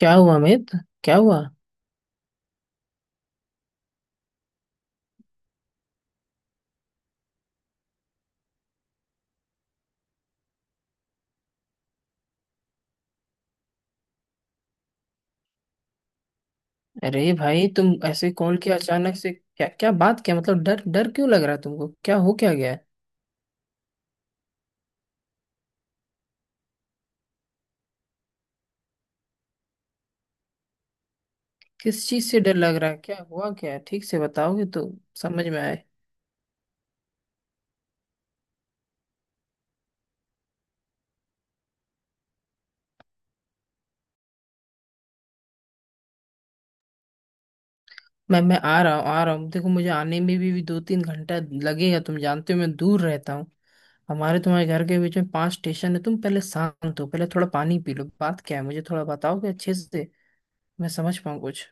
क्या हुआ अमित? क्या हुआ? अरे भाई, तुम ऐसे कॉल किया अचानक से, क्या क्या बात, क्या मतलब, डर डर क्यों लग रहा है तुमको? क्या हो क्या गया है? किस चीज से डर लग रहा है? क्या हुआ क्या है? ठीक से बताओगे तो समझ में आए। मैं आ रहा हूँ, आ रहा हूँ। देखो, मुझे आने में भी 2-3 घंटा लगेगा। तुम जानते हो मैं दूर रहता हूँ। हमारे तुम्हारे घर के बीच में पांच स्टेशन है। तुम पहले शांत हो, पहले थोड़ा पानी पी लो। बात क्या है मुझे थोड़ा बताओगे अच्छे से, मैं समझ पाऊँ कुछ।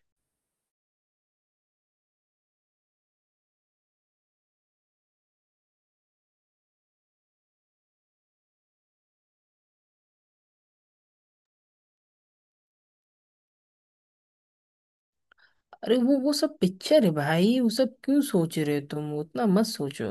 अरे वो सब पिक्चर है भाई। वो सब क्यों सोच रहे हो तुम? उतना मत सोचो।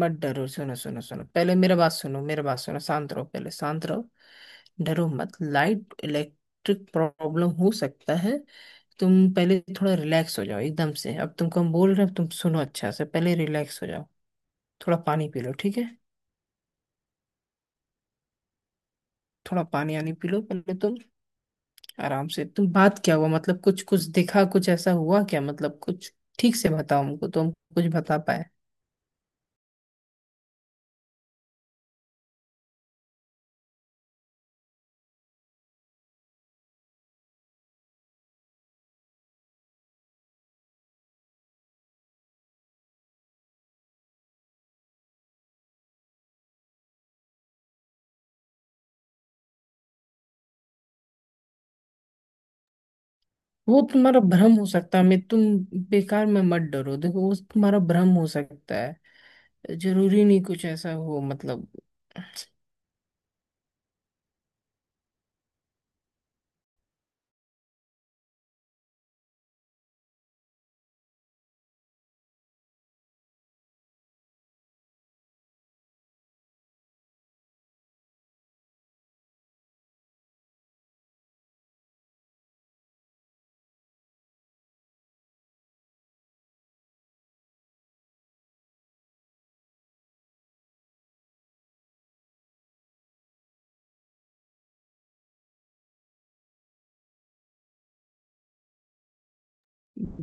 मत डरो। सुनो सुनो सुनो, पहले मेरा बात सुनो, मेरा बात सुनो। शांत रहो, पहले शांत रहो। डरो मत। लाइट इलेक्ट्रिक प्रॉब्लम हो सकता है। तुम पहले थोड़ा रिलैक्स हो जाओ एकदम से। अब तुमको हम बोल रहे हैं, अब तुम सुनो अच्छा से, पहले रिलैक्स हो जाओ। थोड़ा पानी पी लो, ठीक है। थोड़ा पानी आनी पी लो पहले तुम। आराम से तुम, बात क्या हुआ? मतलब कुछ कुछ दिखा, कुछ ऐसा हुआ क्या? मतलब कुछ ठीक से बताओ हमको, तुम कुछ बता पाए। वो तुम्हारा भ्रम हो सकता है। मैं तुम बेकार में मत डरो। देखो, वो तुम्हारा भ्रम हो सकता है। जरूरी नहीं कुछ ऐसा हो, मतलब।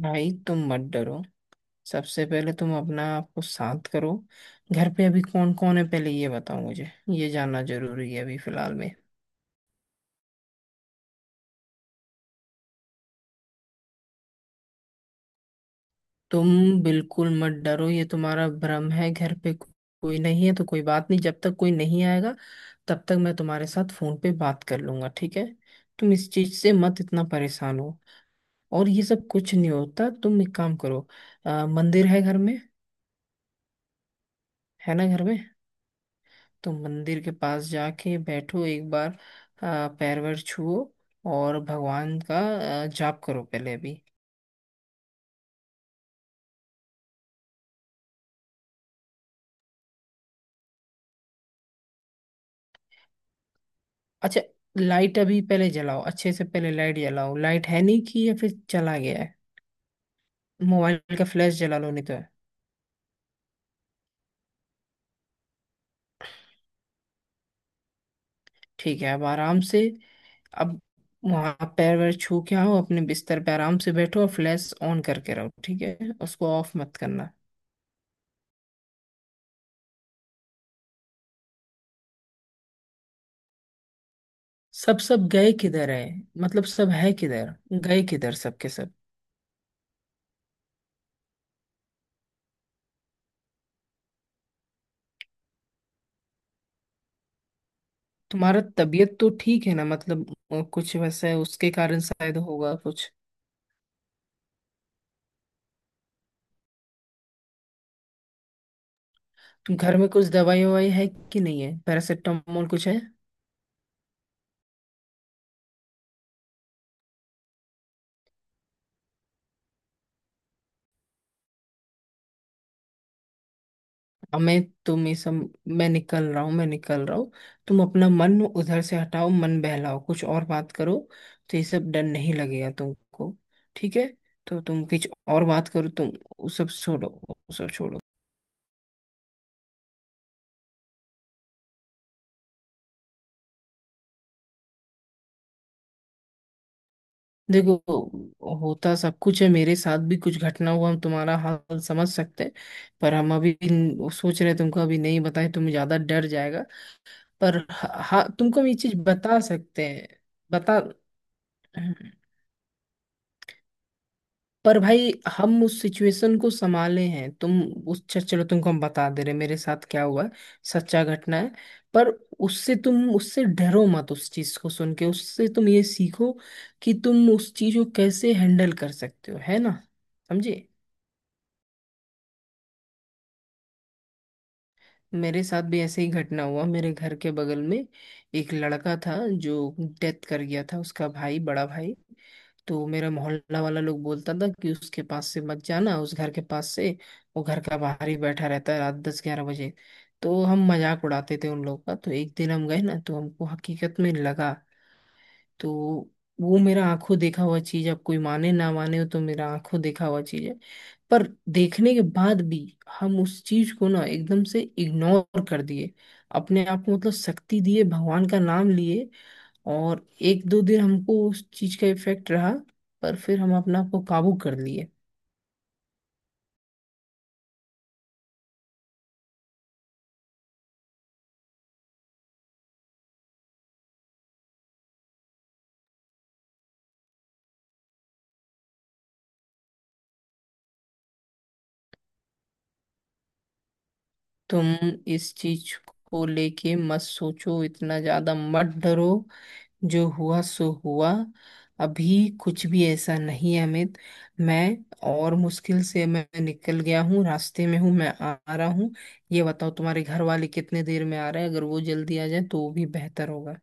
भाई तुम मत डरो। सबसे पहले तुम अपना आप को शांत करो। घर पे अभी कौन कौन है, पहले ये बताओ मुझे। ये जानना जरूरी है अभी फिलहाल में। तुम बिल्कुल मत डरो, ये तुम्हारा भ्रम है। घर पे कोई नहीं है तो कोई बात नहीं। जब तक कोई नहीं आएगा तब तक मैं तुम्हारे साथ फोन पे बात कर लूंगा, ठीक है। तुम इस चीज से मत इतना परेशान हो, और ये सब कुछ नहीं होता। तुम एक काम करो, मंदिर है घर में? है ना घर में? तो मंदिर के पास जाके बैठो एक बार। पैर वैर छुओ और भगवान का जाप करो पहले अभी। अच्छा, लाइट अभी पहले जलाओ, अच्छे से पहले लाइट जलाओ। लाइट है नहीं कि या फिर चला गया है? मोबाइल का फ्लैश जला लो, नहीं तो है। ठीक है, अब आराम से, अब वहाँ पैर वैर छू के आओ, अपने बिस्तर पे आराम से बैठो और फ्लैश ऑन करके रहो, ठीक है। उसको ऑफ मत करना। सब सब गए किधर है? मतलब सब है किधर? गए किधर सबके सब? तुम्हारा तबीयत तो ठीक है ना? मतलब कुछ वैसे उसके कारण शायद होगा कुछ। तुम घर में कुछ दवाई ववाई है कि नहीं है? पैरासिटामोल कुछ है? अब मैं तुम ये सब, मैं निकल रहा हूँ, मैं निकल रहा हूँ। तुम अपना मन उधर से हटाओ, मन बहलाओ कुछ और बात करो तो ये सब डर नहीं लगेगा तुमको, ठीक है। तो तुम कुछ और बात करो तुम। वो सब छोड़ो, वो सब छोड़ो। देखो, होता सब कुछ है, मेरे साथ भी कुछ घटना हुआ, हम तुम्हारा हाल समझ सकते हैं। पर हम अभी सोच रहे हैं तुमको अभी नहीं बताएं, तुम ज्यादा डर जाएगा। पर हाँ, तुमको हम ये चीज बता सकते हैं। बता। पर भाई, हम उस सिचुएशन को संभाले हैं। तुम उस चलो तुमको हम बता दे रहे हैं, मेरे साथ क्या हुआ है, सच्चा घटना है। पर उससे तुम उससे डरो मत, उस चीज को सुन के उससे तुम ये सीखो कि तुम उस चीज को कैसे हैंडल कर सकते हो, है ना। समझे। मेरे साथ भी ऐसे ही घटना हुआ, मेरे घर के बगल में एक लड़का था जो डेथ कर गया था, उसका भाई, बड़ा भाई। तो मेरा मोहल्ला वाला लोग बोलता था कि उसके पास से मत जाना, उस घर के पास से। वो घर का बाहर ही बैठा रहता है रात 10-11 बजे। तो हम मजाक उड़ाते थे उन लोग का। तो एक दिन हम गए ना, तो हमको हकीकत में लगा। तो वो मेरा आंखों देखा हुआ चीज, आप कोई माने ना माने, हो तो मेरा आंखों देखा हुआ चीज है। पर देखने के बाद भी हम उस चीज को ना एकदम से इग्नोर कर दिए, अपने आप को मतलब शक्ति दिए, भगवान का नाम लिए। और एक दो दिन हमको उस चीज का इफेक्ट रहा। पर फिर हम अपने आप को काबू कर लिए। तुम इस चीज को लेके मत सोचो, इतना ज्यादा मत डरो। जो हुआ सो हुआ। अभी कुछ भी ऐसा नहीं है अमित। मैं, और मुश्किल से मैं निकल गया हूँ, रास्ते में हूँ, मैं आ आ रहा हूँ। ये बताओ तुम्हारे घर वाले कितने देर में आ रहे हैं? अगर वो जल्दी आ जाए तो वो भी बेहतर होगा।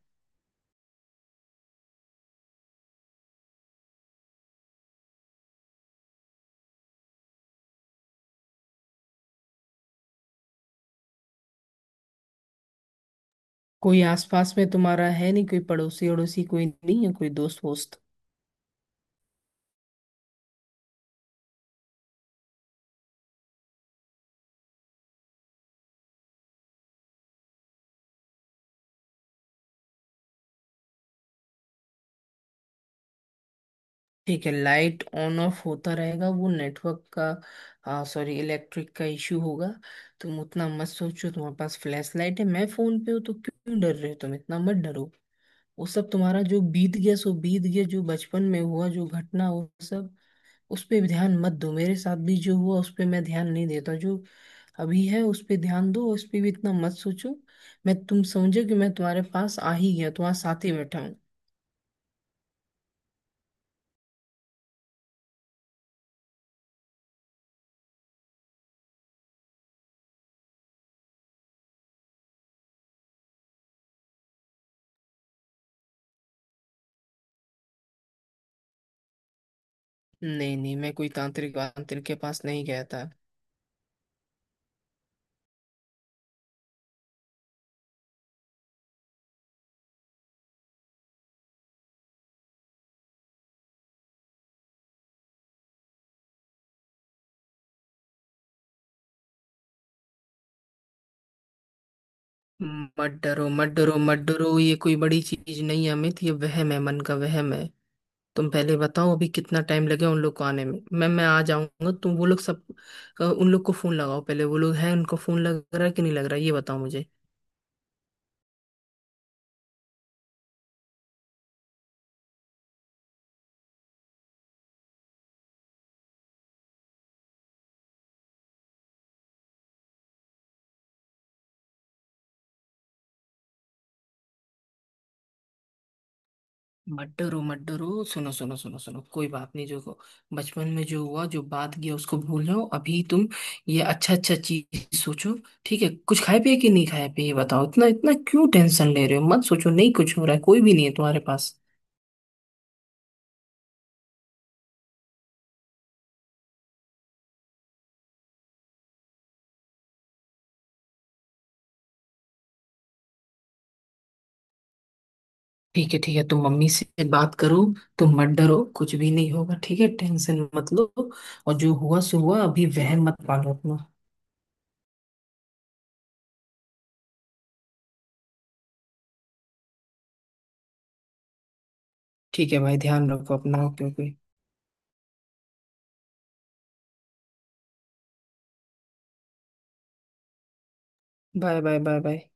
कोई आसपास में तुम्हारा है नहीं, कोई पड़ोसी अड़ोसी कोई नहीं है? कोई दोस्त वोस्त? ठीक है, लाइट ऑन ऑफ होता रहेगा, वो नेटवर्क का सॉरी इलेक्ट्रिक का इशू होगा। तुम उतना मत सोचो। तुम्हारे पास फ्लैश लाइट है, मैं फोन पे हूँ, तो क्यों डर रहे हो तुम? इतना मत डरो। वो सब तुम्हारा जो बीत गया सो बीत गया। जो बचपन में हुआ जो घटना, वो सब उस पे ध्यान मत दो। मेरे साथ भी जो हुआ उस पे मैं ध्यान नहीं देता। जो अभी है उस पे ध्यान दो, उस पे भी इतना मत सोचो। मैं तुम समझो कि मैं तुम्हारे पास आ ही गया, तुम्हारे साथ ही बैठा हूँ। नहीं नहीं, मैं कोई तांत्रिक वांत्रिक के पास नहीं गया था। मत डरो मत डरो मत डरो। ये कोई बड़ी चीज नहीं है अमित, ये वहम है, मन का वहम है। तुम पहले बताओ, अभी कितना टाइम लगेगा उन लोग को आने में। मैं आ जाऊंगा। तुम वो लोग सब, उन लोग को फोन लगाओ पहले। वो लोग हैं, उनको फोन लग रहा है कि नहीं लग रहा है, ये बताओ मुझे। मत डरो मत डरो, सुनो सुनो सुनो सुनो, कोई बात नहीं। जो बचपन में जो हुआ, जो बात गया उसको भूल जाओ अभी तुम। ये अच्छा अच्छा चीज सोचो। ठीक है, कुछ खाए पिए कि नहीं खाए पिए ये बताओ। इतना इतना क्यों टेंशन ले रहे हो? मत सोचो, नहीं कुछ हो रहा है, कोई भी नहीं है तुम्हारे पास। ठीक है ठीक है, तुम मम्मी से बात करो। तुम मत डरो, कुछ भी नहीं होगा ठीक है। टेंशन मत लो, और जो हुआ सो हुआ, अभी वहम मत पालो अपना। ठीक है भाई, ध्यान रखो अपना, okay okay. Bye bye bye bye.